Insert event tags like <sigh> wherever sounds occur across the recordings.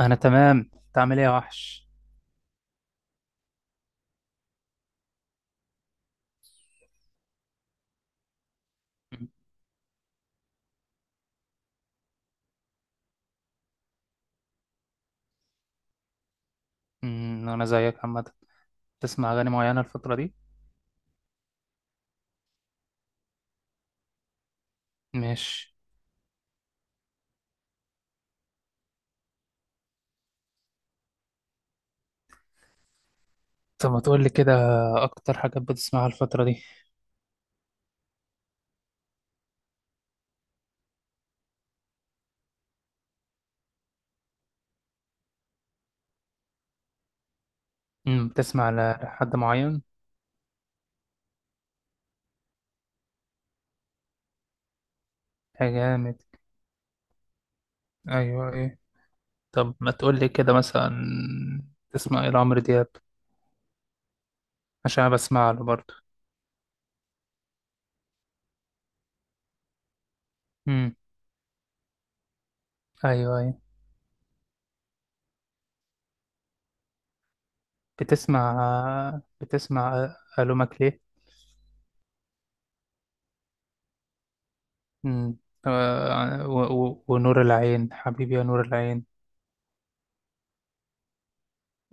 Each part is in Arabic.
انا تمام، انت عامل ايه يا وحش؟ انا زيك عامه. تسمع اغاني معينه الفتره دي؟ ماشي. طب ما تقول لي كده، اكتر حاجات بتسمعها الفتره دي؟ بتسمع لحد معين؟ يا جامد. ايوه ايه؟ طب ما تقول لي كده مثلا، تسمع ايه لعمرو دياب؟ عشان أنا بسمع له برضه. امم. ايوه ايه؟ بتسمع بتسمع الومك ليه؟ امم. آه، و- و- ونور العين، حبيبي يا نور العين.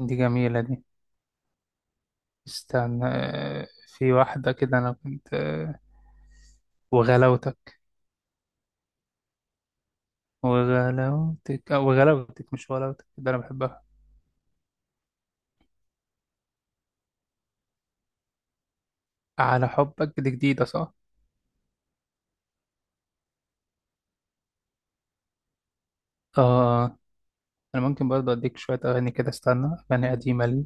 دي جميله دي. استنى في واحدة كده أنا كنت وغلاوتك، وغلاوتك، وغلاوتك مش ولاوتك، ده أنا بحبها. على حبك دي جديدة صح؟ آه. آه. أنا ممكن برضه أديك شوية أغاني كده، استنى أغاني قديمة لي.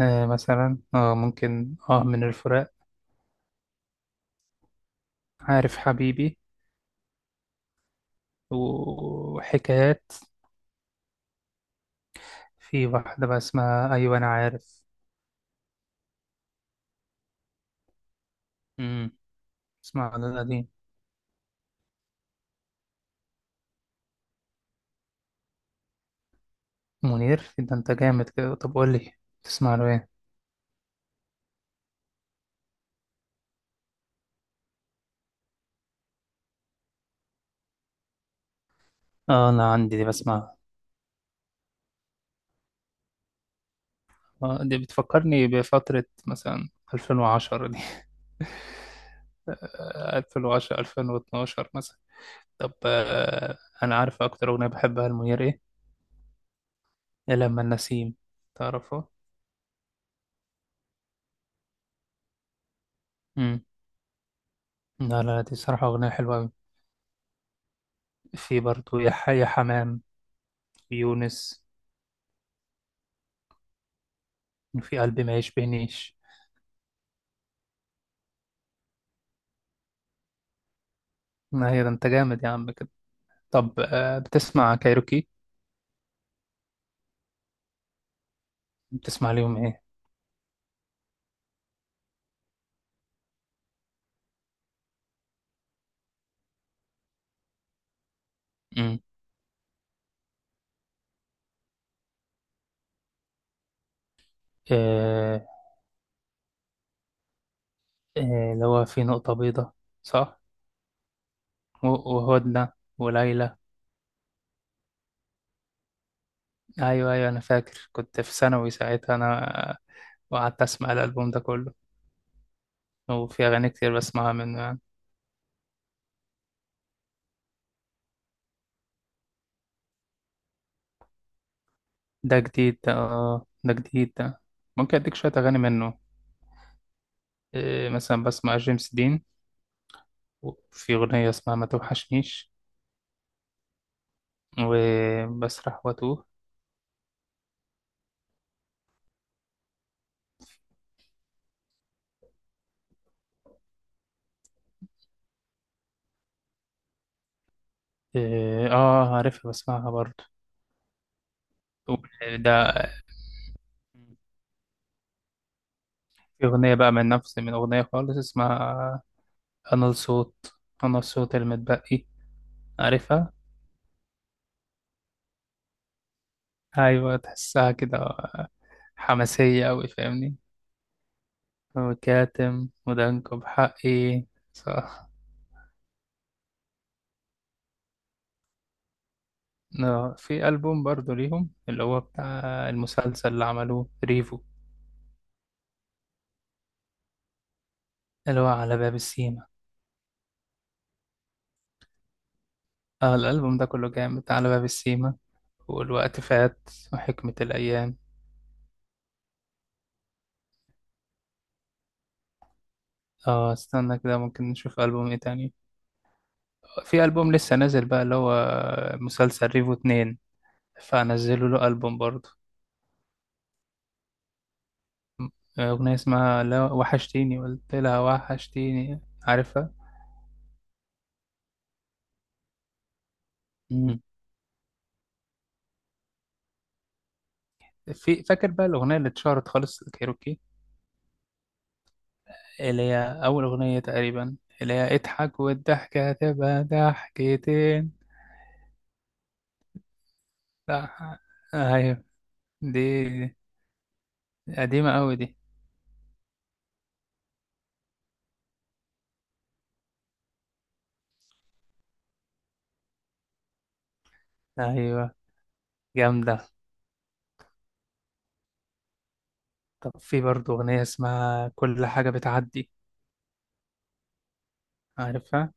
آه مثلا، ممكن من الفراق، عارف حبيبي، وحكايات. في واحدة بقى اسمها، أيوة أنا عارف. امم. اسمع ده القديم. منير؟ إيه ده أنت جامد كده، طب قول لي، تسمع له إيه؟ آه أنا عندي دي بسمع. آه، دي بتفكرني بفترة مثلا 2010 دي. <laughs> آه، 2010 2012 مثلا. طب أنا عارف أكتر أغنية بحبها لمنير إيه؟ يا لما النسيم، تعرفه؟ مم. لا دي صراحة أغنية حلوة أوي. في برضه يا حي يا حمام، ويونس، وفي قلبي ما يشبهنيش. ما هي ده أنت جامد يا عم كده. طب بتسمع كايروكي؟ بتسمع ليهم إيه؟ مم. آه، اللي هو في نقطة بيضة، صح؟ و- وهدنة وليلى. ايوه ايوه، انا فاكر كنت في ثانوي ساعتها انا، وقعدت اسمع الالبوم ده كله. وفي اغاني كتير بسمعها منه يعني. ده جديد ده، اه ده جديد ده. ممكن اديك شويه اغاني منه. إيه مثلا، بسمع جيمس دين، وفي اغنيه اسمها ما توحشنيش، وبسرح واتوه. إيه، اه عارفها بسمعها برضه. وده، في اغنيه بقى من نفس، من اغنيه خالص اسمها انا الصوت، انا الصوت المتبقي. عارفها؟ ايوه، تحسها كده حماسية أوي، فاهمني؟ وكاتم ودانكو بحقي، صح. لا، في ألبوم برضو ليهم اللي هو بتاع المسلسل اللي عملوه ريفو، اللي هو على باب السيما. اه الألبوم ده كله جامد، على باب السيما، والوقت فات، وحكمة الأيام. اه استنى كده، ممكن نشوف ألبوم ايه تاني. في ألبوم لسه نازل بقى اللي هو مسلسل ريفو اتنين، فنزلوا له ألبوم برضو. آه، أغنية اسمها لا وحشتيني قلت لها وحشتيني، عارفها؟ في، فاكر بقى الأغنية اللي اتشهرت خالص الكايروكي؟ اللي هي أول أغنية تقريبا، اللي هي اضحك والضحكة هتبقى ضحكتين. لا. أيوة. دي قديمة أوي دي. أيوة جامدة. طب في برضه أغنية اسمها كل حاجة بتعدي، عارفها؟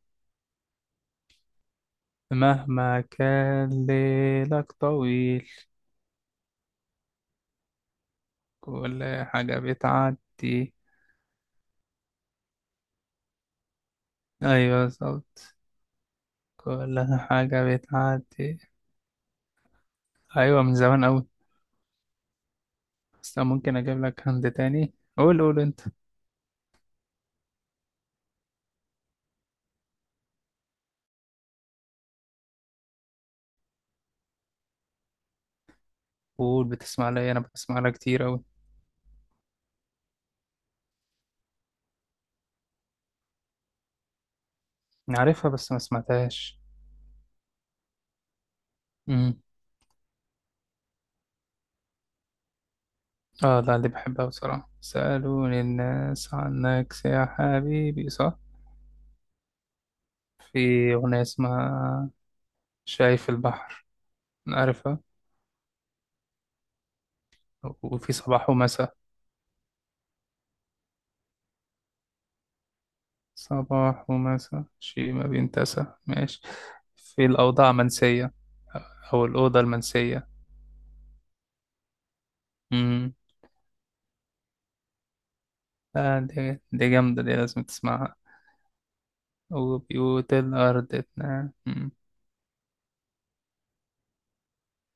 مهما كان ليلك طويل، كل حاجة بتعدي. أيوة بالظبط. كل حاجة بتعدي. أيوة من زمان أوي. بس أنا ممكن أجيب لك هند تاني، قول قول أنت. قول، بتسمع لي إيه؟ أنا بسمع لها كتير أوي. أنا عارفها بس ما سمعتهاش. امم. آه لا، اللي بحبها بصراحة سألوني الناس عنك يا حبيبي، صح. في أغنية اسمها شايف البحر، عارفها. وفي صباح ومساء. صباح ومساء شيء ما بينتسى، ماشي. في الأوضاع منسية، أو الأوضة المنسية. امم. آه دي، دي جامدة، دي لازم تسمعها. وبيوت الأرض مم.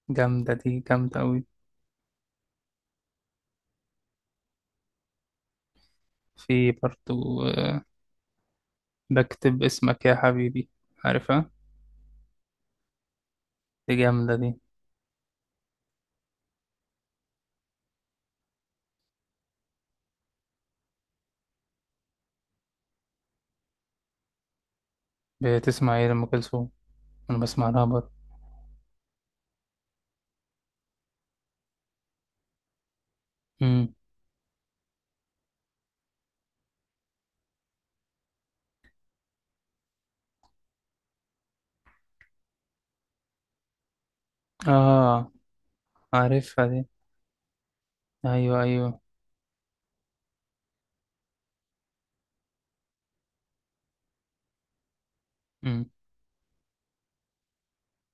جامدة دي، جامدة أوي. في برضو بكتب اسمك يا حبيبي، عارفها؟ دي جامدة دي. بتسمع ايه لأم كلثوم؟ أنا بسمع لها برضه. مم. آه عارفها دي، أيوه أيوه. مم.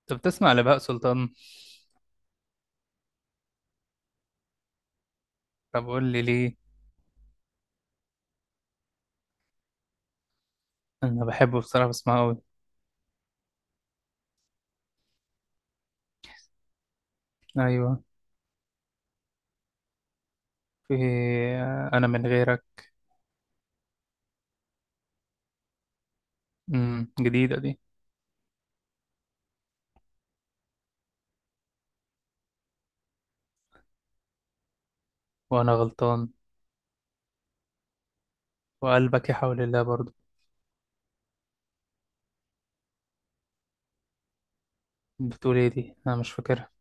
طب بتسمع لبهاء سلطان؟ طب قول لي ليه. أنا بحبه بصراحة، بسمعه أوي. أيوه. في أنا من غيرك. مم. جديدة دي. وأنا غلطان. وقلبك يا حول الله برضه. بتقول ايه دي، أنا مش فاكرها.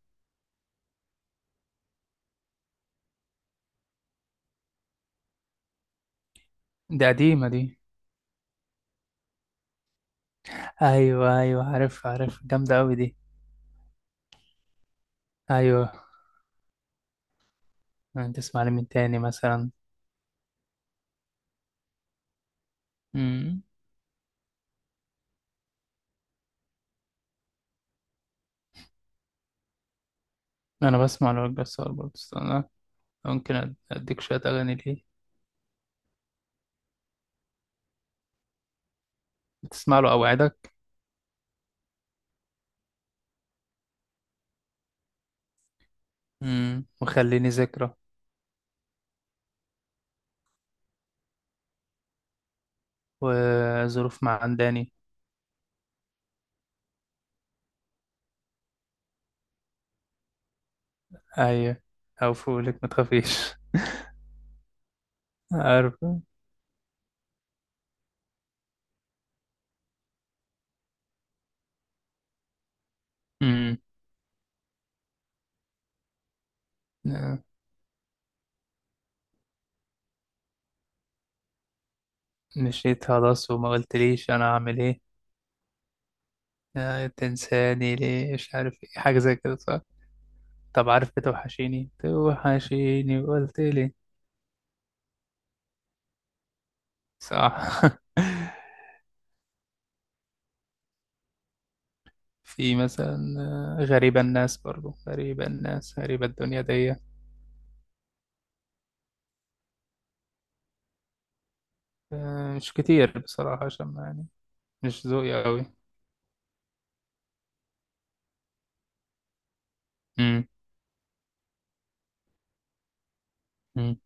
دي قديمة دي. ايوه ايوه، عارف عارف، جامده قوي دي. ايوه. أنا تسمع لمين تاني مثلا؟ امم. انا بسمع لوائل جسار برضه، استنى ممكن اديك شويه اغاني ليه. بتسمع له اوعدك؟ امم، وخليني ذكرى، وظروف معنداني. ايوه. او فولك ما تخافيش. <laughs> عارف. امم. آه، مشيت خلاص وما قلتليش انا اعمل ايه. آه، تنساني ليه مش عارف إيه، حاجه زي كده صح؟ طب عارف بتوحشيني توحشيني وقلت؟ صح. <laughs> في مثلا غريبة الناس، برضو غريبة الناس، غريبة الدنيا دي. آه، مش كتير بصراحة عشان يعني مش ذوقي أوي. مم. مم.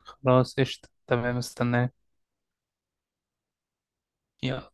خلاص قشطة، تمام، استناك. يلا.